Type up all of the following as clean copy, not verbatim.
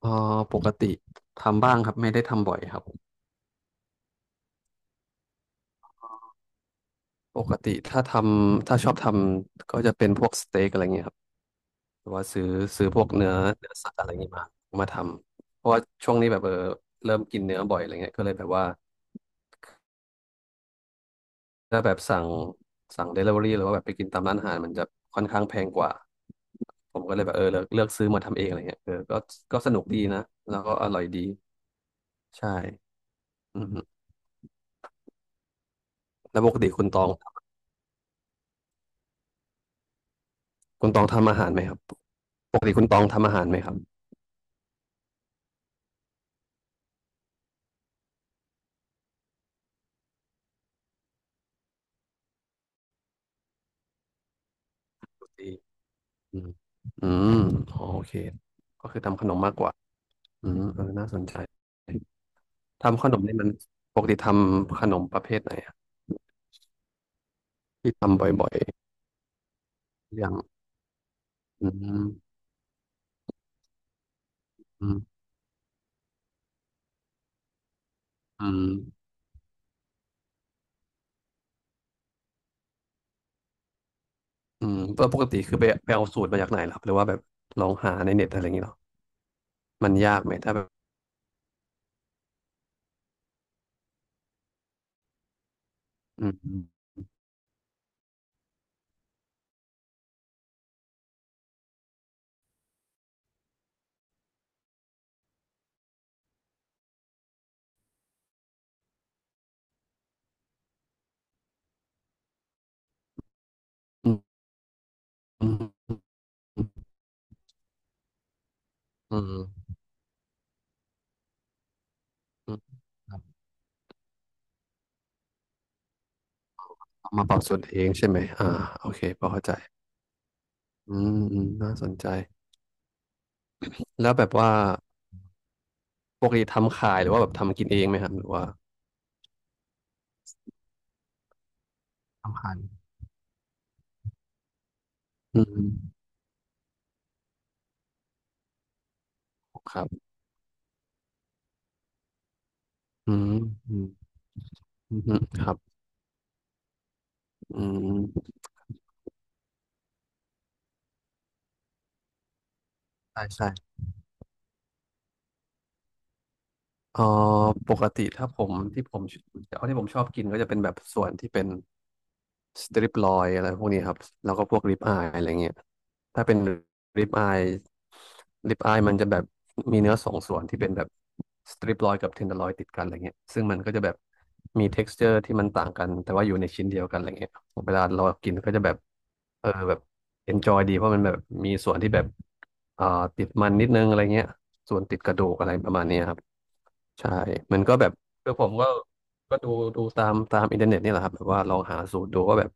เอ่อปกติทำบ้างครับไม่ได้ทำบ่อยครับปกติถ้าชอบทำก็จะเป็นพวกสเต็กอะไรเงี้ยครับหรือว่าซื้อพวกเนื้อสัตว์อะไรเงี้ยมาทำเพราะว่าช่วงนี้แบบเริ่มกินเนื้อบ่อยอะไรเงี้ยก็เลยแบบว่าถ้าแบบสั่งเดลิเวอรี่หรือว่าแบบไปกินตามร้านอาหารมันจะค่อนข้างแพงกว่าผมก็เลยแบบเลือกซื้อมาทำเองอะไรเงี้ยก็ก็สนุกดีนะแล้วก็อร่อยดีใช่อือฮึแล้วปกติคุณตองทำอาหารไหมครับปกติคุณตองทำอาหารไหมครับ ดีอืมอืมอ๋อโอเคก็คือทำขนมมากกว่าอืมน่าสนใจทำขนมนี่มันปกติทำขนมประเภทไหนอะที่ทำบ่อยๆอย่างอืมอืมอืมอืมแล้วปกติคือไปเอาสูตรมาจากไหนล่ะครับหรือว่าแบบลองหาในเน็ตอะไรอย่างเงี้ยหรอมันยากไหมถ้าแบบอืมอืมอืมอืมอืมครับเอามาปรับสูตรเองใช่ไหมอ่าโอเคพอเข้าใจอืมอืมน่าสนใจแล้วแบบว่า ปกติทำขายหรือว่าแบบทำกินเองไหมครับหรือว่าทำขายอืมครับอืมอืมอืมครับอืมใช่ใช่เอ่อปกติถ้าผมที่ผมชอบที่ผมชอบกินก็จะเป็นแบบส่วนที่เป็น สตริปลอยอะไรพวกนี้ครับแล้วก็พวกริบอายอะไรเงี้ยถ้าเป็นริบอายริบอายมันจะแบบมีเนื้อสองส่วนที่เป็นแบบสตริปลอยกับเทนเดอร์ลอยติดกันอะไรเงี้ยซึ่งมันก็จะแบบมี texture ที่มันต่างกันแต่ว่าอยู่ในชิ้นเดียวกันอะไรเงี้ยเวลาเรากินก็จะแบบแบบ enjoy ดีเพราะมันแบบมีส่วนที่แบบอ่าติดมันนิดนึงอะไรเงี้ยส่วนติดกระดูกอะไรประมาณเนี้ยครับใช่มันก็แบบคือผมก็ ก็ดูตามตามอินเทอร์เน็ตนี่แหละครับแบบว่าลองหาสูตรดูว่าแบบ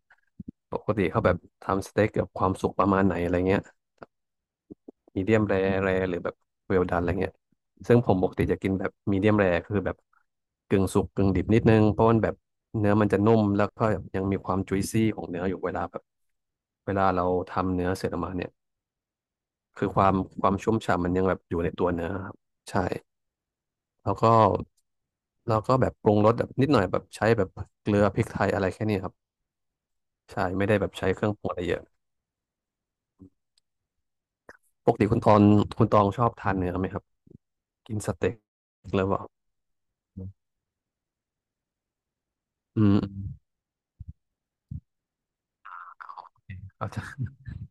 ปกติเขาแบบทำสเต็กกับความสุกประมาณไหนอะไรเงี้ยมีเดียมแรร์หรือแบบเวลดันอะไรเงี้ยซึ่งผมปกติจะกินแบบมีเดียมแรร์คือแบบกึ่งสุกกึ่งดิบนิดนึงเพราะมันแบบเนื้อมันจะนุ่มแล้วก็ยังมีความจุยซี่ของเนื้ออยู่เวลาเราทำเนื้อเสร็จออกมาเนี่ยคือความชุ่มฉ่ำมันยังแบบอยู่ในตัวเนื้อครับใช่แล้วก็แบบปรุงรสแบบนิดหน่อยแบบใช้แบบเกลือพริกไทยอะไรแค่นี้ครับ ใช่ไม่ได้แบบใช้เครื่องปรุงอะไรเยอะปกติคุณตองชอบทานเนื้อไหมครับกินสเต็กหรือเปล่าอืมอาจจะ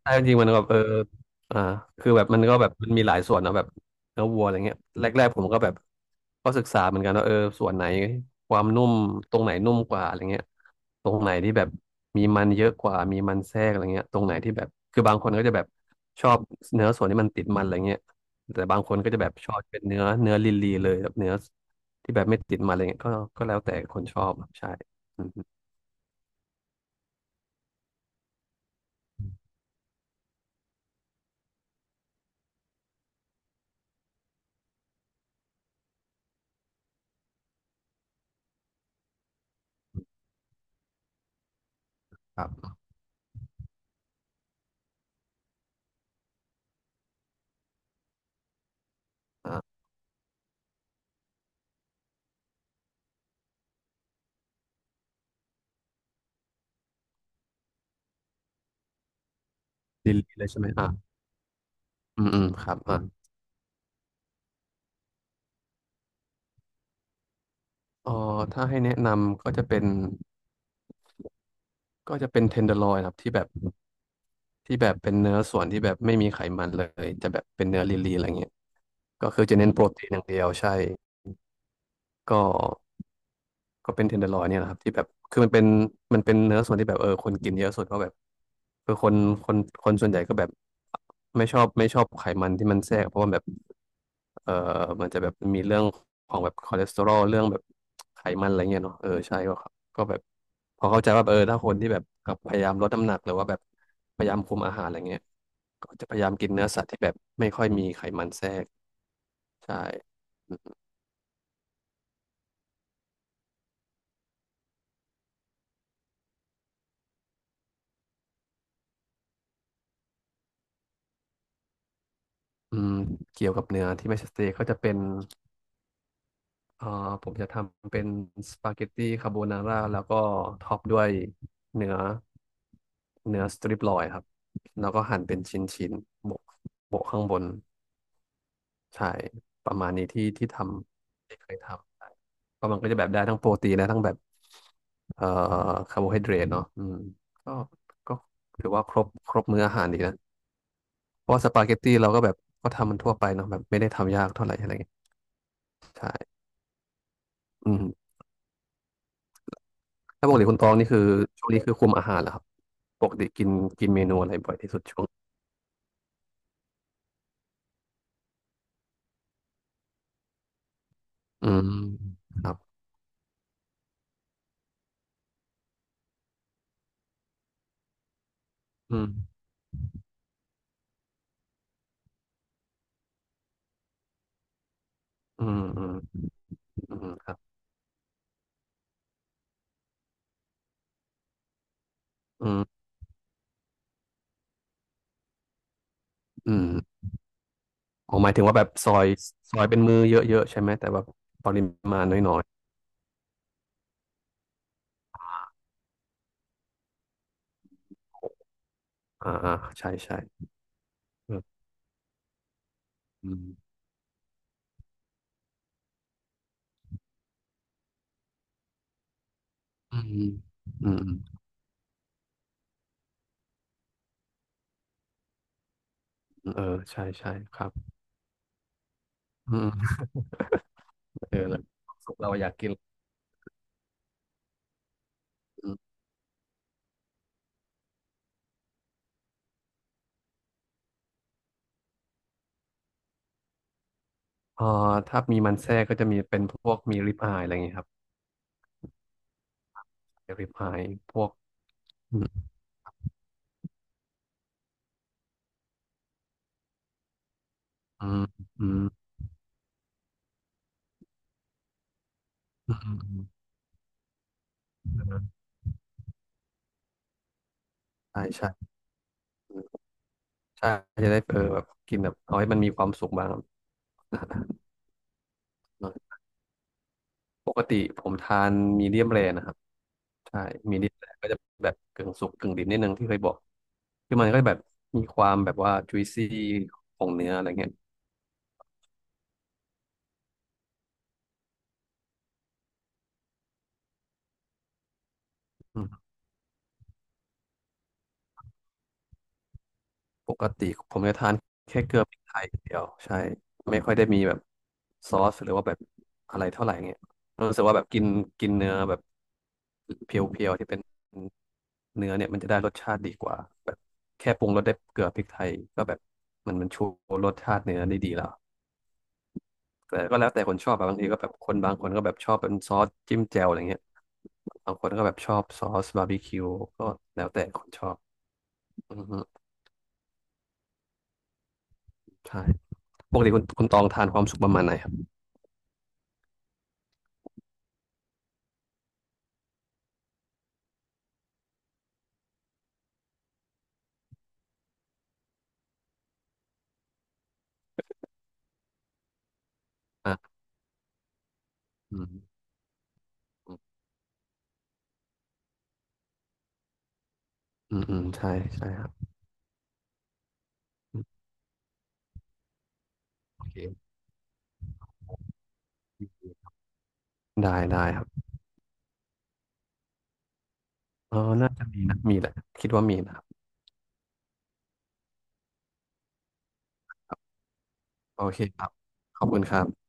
ใช่จริงๆมันก็แบบอ่าคือแบบมันก็แบบมันมีหลายส่วนเนอะแบบเนื้อวัวอะไรเงี้ยแรกๆผมก็แบบก็ศึกษาเหมือนกันว่าส่วนไหนความนุ่มตรงไหนนุ่มกว่าอะไรเงี้ยตรงไหนที่แบบมีมันเยอะกว่ามีมันแทรกอะไรเงี้ยตรงไหนที่แบบคือบางคนก็จะแบบชอบเนื้อส่วนที่มันติดมันอะไรเงี้ยแต่บางคนก็จะแบบชอบเป็นเนื้อลีเลยแบบเนื้อที่แบบไม่ติดมันอะไรเงี้ยก็ก็แล้วแต่คนชอบใช่อืมครับอ่าลีลีเลยใช่ไหมอ่าอืมอืมครับอ่า เออถ้าให้แนะนำก็จะเป็นก็จะเป็นเทนเดอร์ลอยครับที่แบบที่แบบเป็นเนื้อส่วนที่แบบไม่มีไขมันเลยจะแบบเป็นเนื้อลีนๆอะไรเงี้ยก็คือจะเน้นโปรตีนอย่างเดียวใช่ก็ ก็เป็นเทนเดอร์ลอยเนี่ยแหละครับที่แบบคือมันเป็นมันเป็นเนื้อส่วนที่แบบคนกินเยอะสุดเพราะแบบเออคนคนคนส่วนใหญ่ก็แบบไม่ชอบไขมันที่มันแทรกเพราะว่าแบบเออมันจะแบบมีเรื่องของแบบคอเลสเตอรอลเรื่องแบบไขมันอะไรเงี้ยเนาะใช่ก็ครับก็แบบพอเข้าใจว่าถ้าคนที่แบบพยายามลดน้ำหนักหรือว่าแบบพยายามคุมอาหารอะไรเงี้ยก็จะพยายามกินเนื้อสัตว์ที่แบบไม่ค่อยมีไขมันแทรกใช่อืมเกี่ยวกับเนื้อที่ไม่ใชสเต็กก็จะเป็น เอ่อผมจะทำเป็นสปาเกตตี้คาโบนาร่าแล้วก็ท็อปด้วยเนื้อเนื้อสตริปลอยครับแล้วก็หั่นเป็นชิ้นๆโบกโบกข้างบนใช่ประมาณนี้ที่ที่ทำที่เคยทำใช่มันก็จะแบบได้ทั้งโปรตีนและทั้งแบบเอ่อคาร์โบไฮเดรตเนาะอืมก็ก็ถือว่าครบมื้ออาหารดีนะเพราะว่าสปาเกตตี้เราก็แบบก็ทำมันทั่วไปเนาะแบบไม่ได้ทำยากเท่าไหร่อะไรเงี้ยอืม ถ้าปกติคุณตองนี่คือช่วงนี้คือคุมอาหารเหรอครับปกติกินกินเมนูอะไรบ่อยที่สุดช่วงอืมครับอืมอืมอืมอืมครับอืมอืมอ๋อหมายถึงว่าแบบซอยเป็นมือเยอะๆใช่ไหมแต่แบบปริมาณน้อยๆใช่ใช่เอออืมอืมอืมอืมเออใช่ใช่ครับอืมเออแล้วความสุขเราอยากกินอืมเอ่าถ้ามีมันแทรกก็จะมีเป็นพวกมีริบอายอะไรอย่างเงี้ยครับริบอายพวกอืมอืมอืม ใช่ใช่อืมใช่จะได้เออแบบกินแบบเอาให้มันมีความสุขบ้างครับ ปกติผมทานมีเดียมแรนะครับใช่มีเดียมแรก็จะแบบกึ่งสุกกึ่งดิบนิดนึงที่เคยบอกคือมันก็แบบมีความแบบว่า juicy ของเนื้ออะไรเงี้ย ปกติผมจะทานแค่เกลือพริกไทยอย่างเดียวใช่ไม่ค่อยได้มีแบบซอสหรือว่าแบบอะไรเท่าไหร่เงี้ยรู้สึกว่าแบบกินกินเนื้อแบบเพียวๆที่เป็นเนื้อเนี่ยมันจะได้รสชาติดีกว่าแบบแค่ปรุงรสได้วยเกลือพริกไทยก็แบบมันชูรสชาติเนื้อได้ดีแล้วแต่ก็แล้วแต่คนชอบอะบางทีก็แบบคนบางคนก็แบบชอบเป็นซอสจิ้มแจ่วอะไรเงี้ยบางคนก็แบบชอบซอสบาร์บีคิวก็แล้วแต่คนชอบอือฮึใช่ปกติคุณตองทานความสุขประมาณไหนครับอ่า อืมอืม อืม ใช่ ใช่ครับอืมโอเค ได้ ได้ครับเออน่าจะมีนะมีแหละคิดว่ามีนะครับ โอเคครับ ขอบคุณครับ